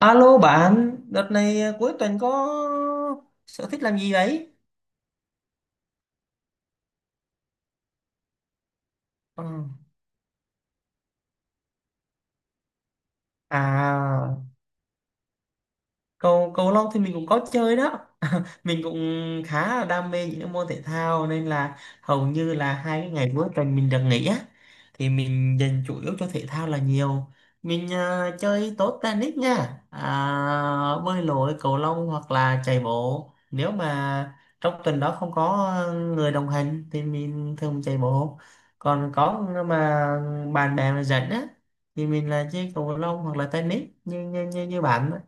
Alo bạn, đợt này cuối tuần có sở thích làm gì đấy? Ừ. À, cầu cầu lông thì mình cũng có chơi đó. Mình cũng khá là đam mê những cái môn thể thao nên là hầu như là hai cái ngày cuối tuần mình được nghỉ á, thì mình dành chủ yếu cho thể thao là nhiều. Mình chơi tốt tennis nha, bơi lội, cầu lông hoặc là chạy bộ, nếu mà trong tuần đó không có người đồng hành thì mình thường chạy bộ, còn có mà bạn bè mà dẫn á thì mình là chơi cầu lông hoặc là tennis như bạn á.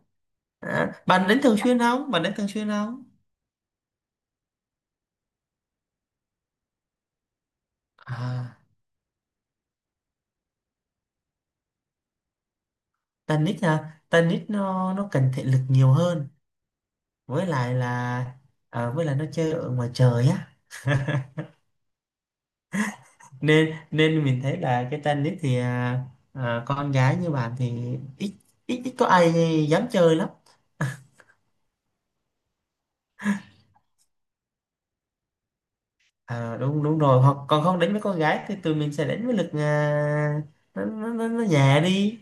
À, bạn đến thường xuyên không? Bạn đến thường xuyên không? À, tennis hả? Tennis nó cần thể lực nhiều hơn, với lại là à, với lại nó chơi ở ngoài trời á, nên nên mình thấy là cái tennis thì à, à, con gái như bạn thì ít, ít có ai dám chơi lắm. À, đúng, đúng rồi, hoặc còn không đánh với con gái thì tụi mình sẽ đánh với lực à, nó nhẹ đi.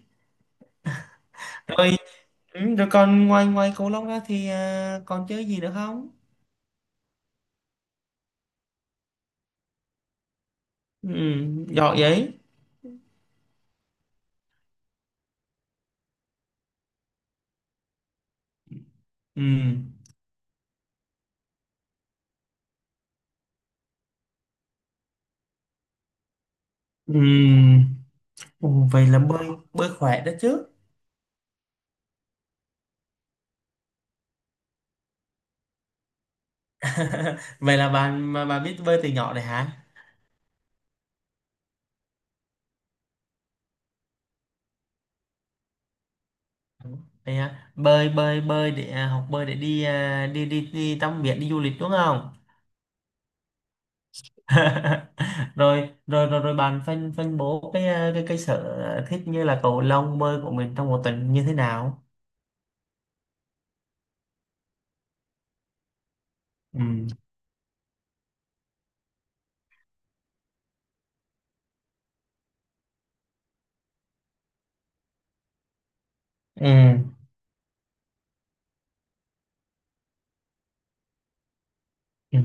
Ừ, rồi còn ngoài ngoài cầu lông ra thì à, còn chơi gì nữa không? Ừ, giỏi vậy. Ừ. Ừ. Ồ, vậy là bơi bơi khỏe đó chứ. Vậy là bạn mà bạn biết bơi từ nhỏ rồi hả? Vậy à, bơi bơi bơi để à, học bơi để đi à, đi đi đi tắm biển, đi du lịch đúng không? rồi rồi rồi rồi bạn phân phân bố cái à, cái sở thích như là cầu lông, bơi của mình trong một tuần như thế nào? Ừ. Ừ, ừ.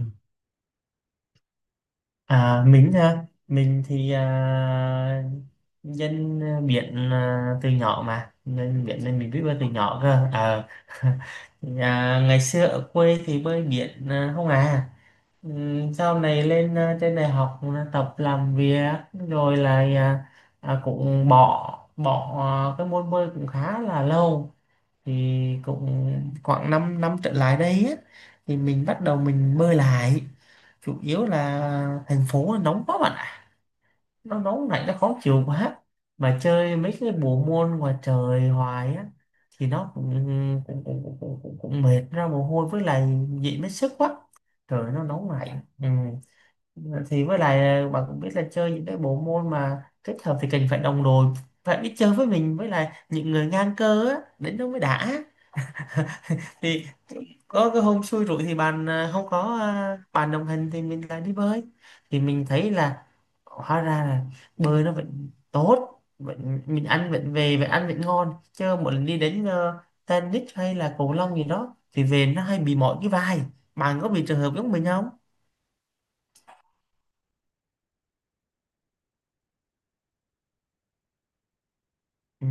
À, mình thì à, dân biển à, từ nhỏ mà nên biển, nên mình biết bơi từ nhỏ cơ. Ờ. À, ngày xưa ở quê thì bơi biển à, không à. Ừ, sau này lên à, trên đại học là tập làm việc rồi là à, à, cũng bỏ bỏ à, cái môn bơi cũng khá là lâu, thì cũng khoảng 5 năm năm trở lại đây á, thì mình bắt đầu mình bơi lại. Chủ yếu là thành phố nó nóng quá bạn ạ, nó nóng này nó khó chịu quá, mà chơi mấy cái bộ môn ngoài trời hoài á thì nó cũng cũng mệt, ra mồ hôi, với lại dị mất sức quá. Trời nó nóng lạnh, ừ. Thì với lại bạn cũng biết là chơi những cái bộ môn mà kết hợp thì cần phải đồng đội, phải biết chơi với mình, với lại những người ngang cơ á, đến đó mới đã. Thì có cái hôm xui rủi thì bạn à, không có à, bạn đồng hành thì mình lại đi bơi, thì mình thấy là hóa ra là bơi nó vẫn tốt, vẫn mình ăn vẫn, về và ăn vẫn ngon, chứ mỗi lần đi đến tennis hay là cầu lông gì đó thì về nó hay bị mỏi cái vai. Bạn có bị trường hợp giống mình không? Ừ.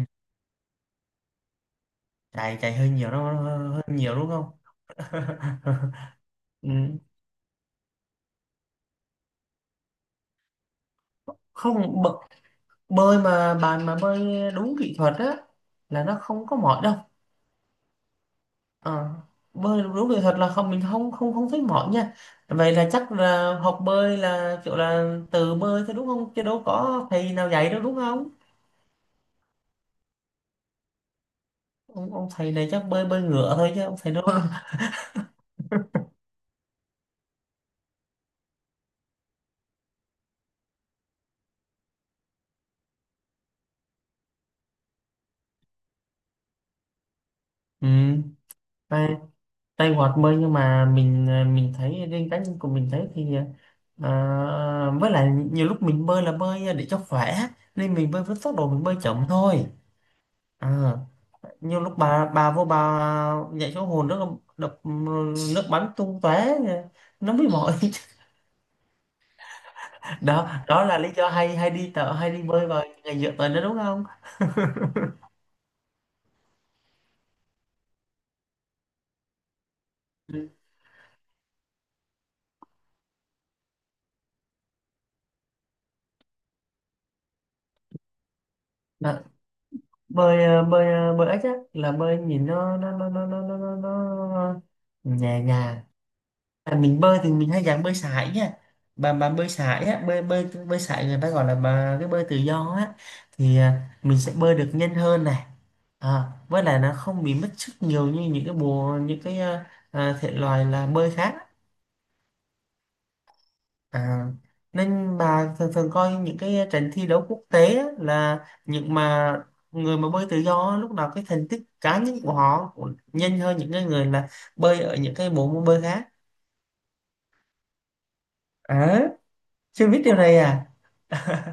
chạy chạy hơi nhiều đó, hơi nhiều đúng không? Ừ. không bợ- Bơi mà bạn mà bơi đúng kỹ thuật á là nó không có mỏi đâu. Ờ, bơi đúng rồi thật là không, mình không không không thấy mỏi nha. Vậy là chắc là học bơi là kiểu là tự bơi thôi đúng không, chứ đâu có thầy nào dạy đâu đúng không? Ông thầy này chắc bơi bơi ngửa thôi, chứ ông thầy đâu. Ừ, tay, tay hoạt bơi, nhưng mà mình thấy riêng cá nhân của mình thấy thì à, với lại nhiều lúc mình bơi là bơi để cho khỏe, nên mình bơi với tốc độ, mình bơi chậm thôi. À, nhiều lúc bà vô bà dạy số hồn nước, đập nước bắn tung tóe, nó mới mỏi. Đó đó là lý do hay hay đi tợ, hay đi bơi vào ngày giữa tuần đó đúng không? Ừ. Đó, bơi ếch á là bơi nhìn nó nhẹ nhàng. À, mình bơi thì mình hay dạng bơi sải nha. Bà bơi sải á, bơi bơi bơi sải người ta gọi là bà cái bơi tự do á, thì à, mình sẽ bơi được nhanh hơn này. À, với lại nó không bị mất sức nhiều như những cái bộ, những cái à, thể loại là bơi khác. À, nên bà thường thường coi những cái trận thi đấu quốc tế á, là những mà người mà bơi tự do á, lúc nào cái thành tích cá nhân của họ cũng nhanh hơn những cái người là bơi ở những cái bộ môn bơi khác. À, chưa biết điều này à.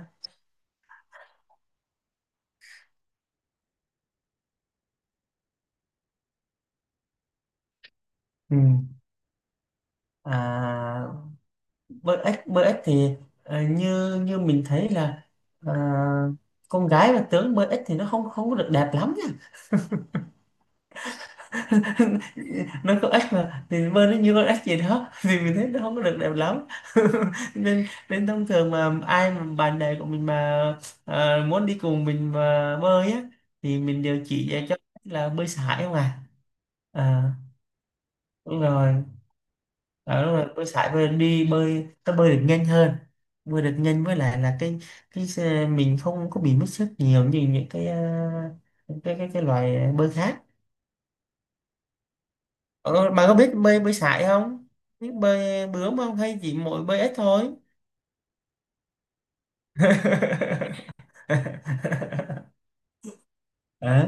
Ừ. À, bơi ếch thì ờ, như như mình thấy là ờ, con gái mà tướng bơi ếch thì nó không, không có được đẹp lắm. Nó có ếch mà thì bơi nó như con ếch gì đó. Thì mình thấy nó không có được đẹp lắm. nên nên thông thường mà ai mà bạn bè của mình mà ờ, muốn đi cùng mình mà bơi á thì mình đều chỉ dạy cho là bơi sải không à. À, đúng rồi. À, đúng rồi, bơi sải, bơi đi, bơi ta bơi được nhanh hơn, bơi được nhanh, với lại là cái mình không có bị mất sức nhiều như những cái cái loài bơi khác. Ờ, bà có biết bơi bơi sải không? Biết bơi bướm không hay chỉ mỗi bơi ếch thôi? Đó,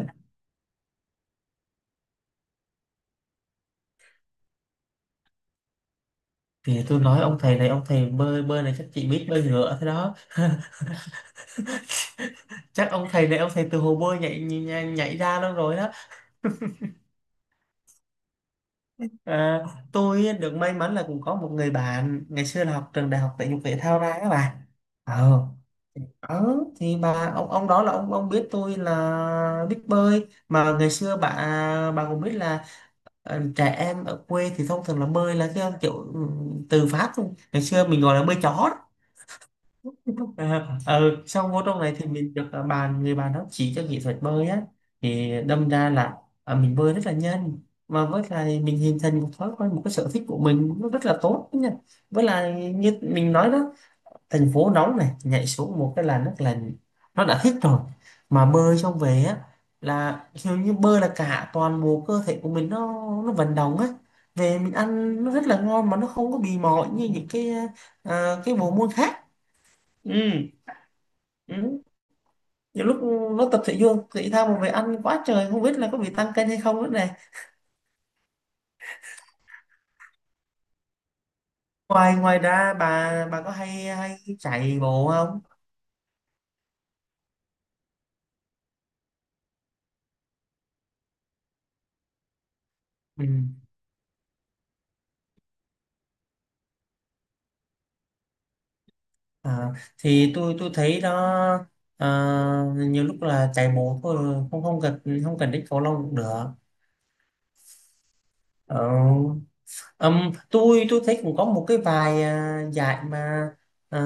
thì tôi nói ông thầy này, ông thầy bơi bơi này chắc chị biết bơi ngựa thế đó. Chắc ông thầy này, ông thầy từ hồ bơi nhảy nhảy, nhảy ra đâu rồi đó. À, tôi được may mắn là cũng có một người bạn ngày xưa là học trường đại học thể dục thể thao ra các bạn. ờ ờ, thì bà ông đó là ông biết tôi là biết bơi mà, ngày xưa bà cũng biết là ờ, trẻ em ở quê thì thông thường là bơi là cái kiểu ừ, từ phát luôn, ngày xưa mình gọi là bơi chó. À, ờ, ừ, sau vô trong này thì mình được ờ, bạn, người bạn đó chỉ cho kỹ thuật bơi á, thì đâm ra là ờ, mình bơi rất là nhanh. Mà với lại mình hình thành một thói quen, một cái sở thích của mình nó rất là tốt nha. Với lại như mình nói đó, thành phố nóng này, nhảy xuống một cái là nước là nó đã thích rồi. Mà bơi xong về á là kiểu như bơi là cả toàn bộ cơ thể của mình nó vận động á, về mình ăn nó rất là ngon, mà nó không có bị mỏi như những cái cái bộ môn khác. Ừ. Ừ, nhiều lúc nó tập thể dục thể thao mà về ăn quá trời, không biết là có bị tăng cân hay không nữa này. Ngoài ngoài ra bà có hay hay chạy bộ không? Ừ. À, thì tôi thấy đó, à, nhiều lúc là chạy bộ thôi, không không cần, không cần đến cầu lông cũng được. Ờ, tôi thấy cũng có một cái vài à, giải mà à,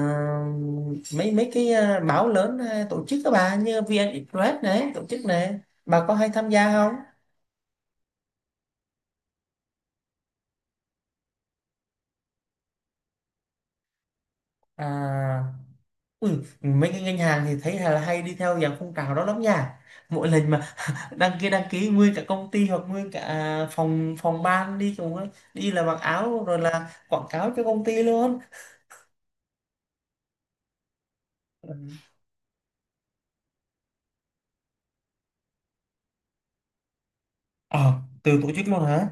mấy mấy cái à, báo lớn à, tổ chức các bà như vê en express này tổ chức này, bà có hay tham gia không? À, Ui, mấy cái ngân hàng thì thấy là hay đi theo dạng phong trào đó lắm nha. Mỗi lần mà đăng ký nguyên cả công ty hoặc nguyên cả phòng phòng ban đi cùng ấy. Đi là mặc áo rồi là quảng cáo cho công ty luôn. Ừ. Ờ, từ tổ chức luôn hả?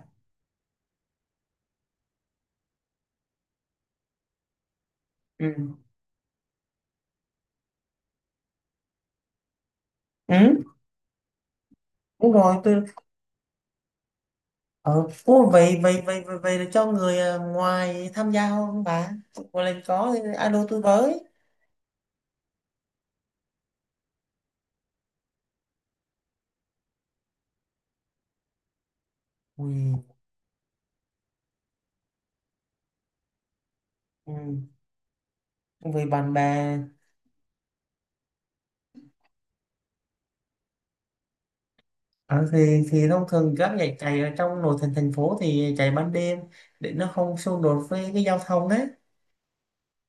Ừ. Ừ, đúng rồi, từ ờ. Ô, vậy vậy vậy vậy, vậy là cho người à, ngoài tham gia không bà? Một lần có thì alo tôi với. Ui. Ừ, với bạn bè. Ờ, thì thông thường các giải chạy ở trong nội thành thành phố thì chạy ban đêm để nó không xung đột với cái giao thông đấy.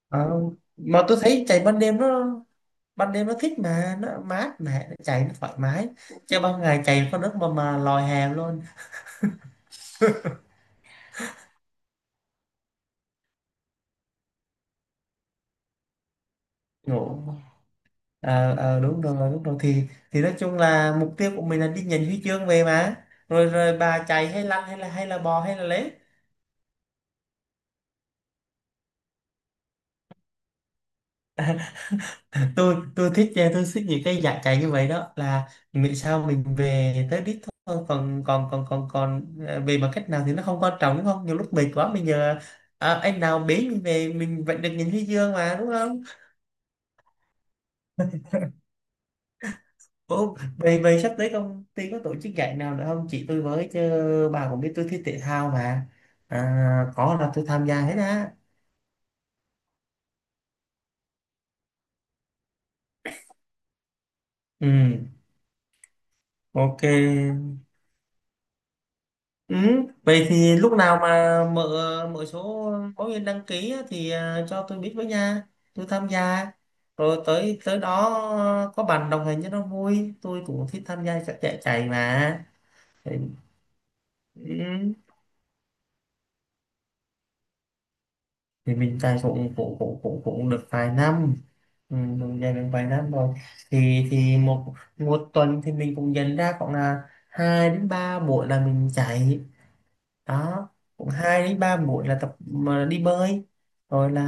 Ờ, mà tôi thấy chạy ban đêm nó, ban đêm nó thích mà, nó mát mẻ, nó chạy nó thoải mái, chứ ban ngày chạy có nước mà lòi hàng luôn. Ngủ. Ờ, ờ, đúng rồi thì nói chung là mục tiêu của mình là đi nhận huy chương về mà, rồi rồi bà chạy hay lăn hay là, hay là bò hay là lết. Tôi thích tôi thích những cái dạng chạy như vậy đó, là miễn sao mình về tới đích thôi, còn còn còn còn còn về bằng cách nào thì nó không quan trọng đúng không, nhiều lúc mệt quá mình giờ à, anh nào bế mình về mình vẫn được nhìn thấy dương mà đúng không? Ủa, về, về sắp tới công ty có tổ chức giải nào nữa không chị, tôi với chứ, bà cũng biết tôi thích thể thao mà. À, có là tôi tham gia hết á. Ừ. Ok. Ừ, vậy thì lúc nào mà mở, mở số báo viên đăng ký á, thì à, cho tôi biết với nha, tôi tham gia. Rồi tới tới đó, à, có bạn đồng hành cho nó vui, tôi cũng thích tham gia các chạy chạy mà. Thì, ừ, thì mình chạy cũng cũng cũng cũng cũng được vài năm. Ừ, mình chạy được vài năm rồi. thì thì một một tuần thì mình cũng dành ra khoảng là hai đến ba buổi là mình chạy. Đó, cũng hai đến ba buổi là tập mà đi bơi, rồi là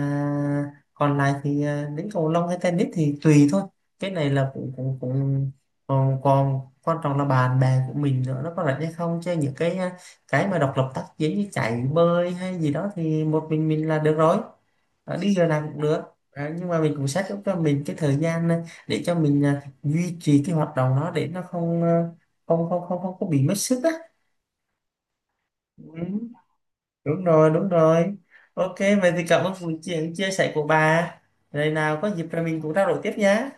còn lại thì à, đến cầu lông hay tennis thì tùy thôi. Cái này là cũng cũng cũng còn, còn quan trọng là bạn bè của mình nữa, nó có rảnh hay không, chứ những cái à, cái mà độc lập tác chiến như chạy, bơi hay gì đó thì một mình là được rồi. Ờ, đi giờ nào cũng được. Ờ, nhưng mà mình cũng set up cho mình cái thời gian à, để cho mình à, duy trì cái hoạt động đó để nó không à, không không không không có bị mất sức á. Ừ, đúng rồi. Ok, vậy thì cảm ơn buổi chuyện chia sẻ của bà, rồi nào có dịp rồi mình cũng trao đổi tiếp nhé.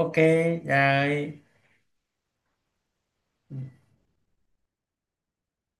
Ok. Rồi. Ừ.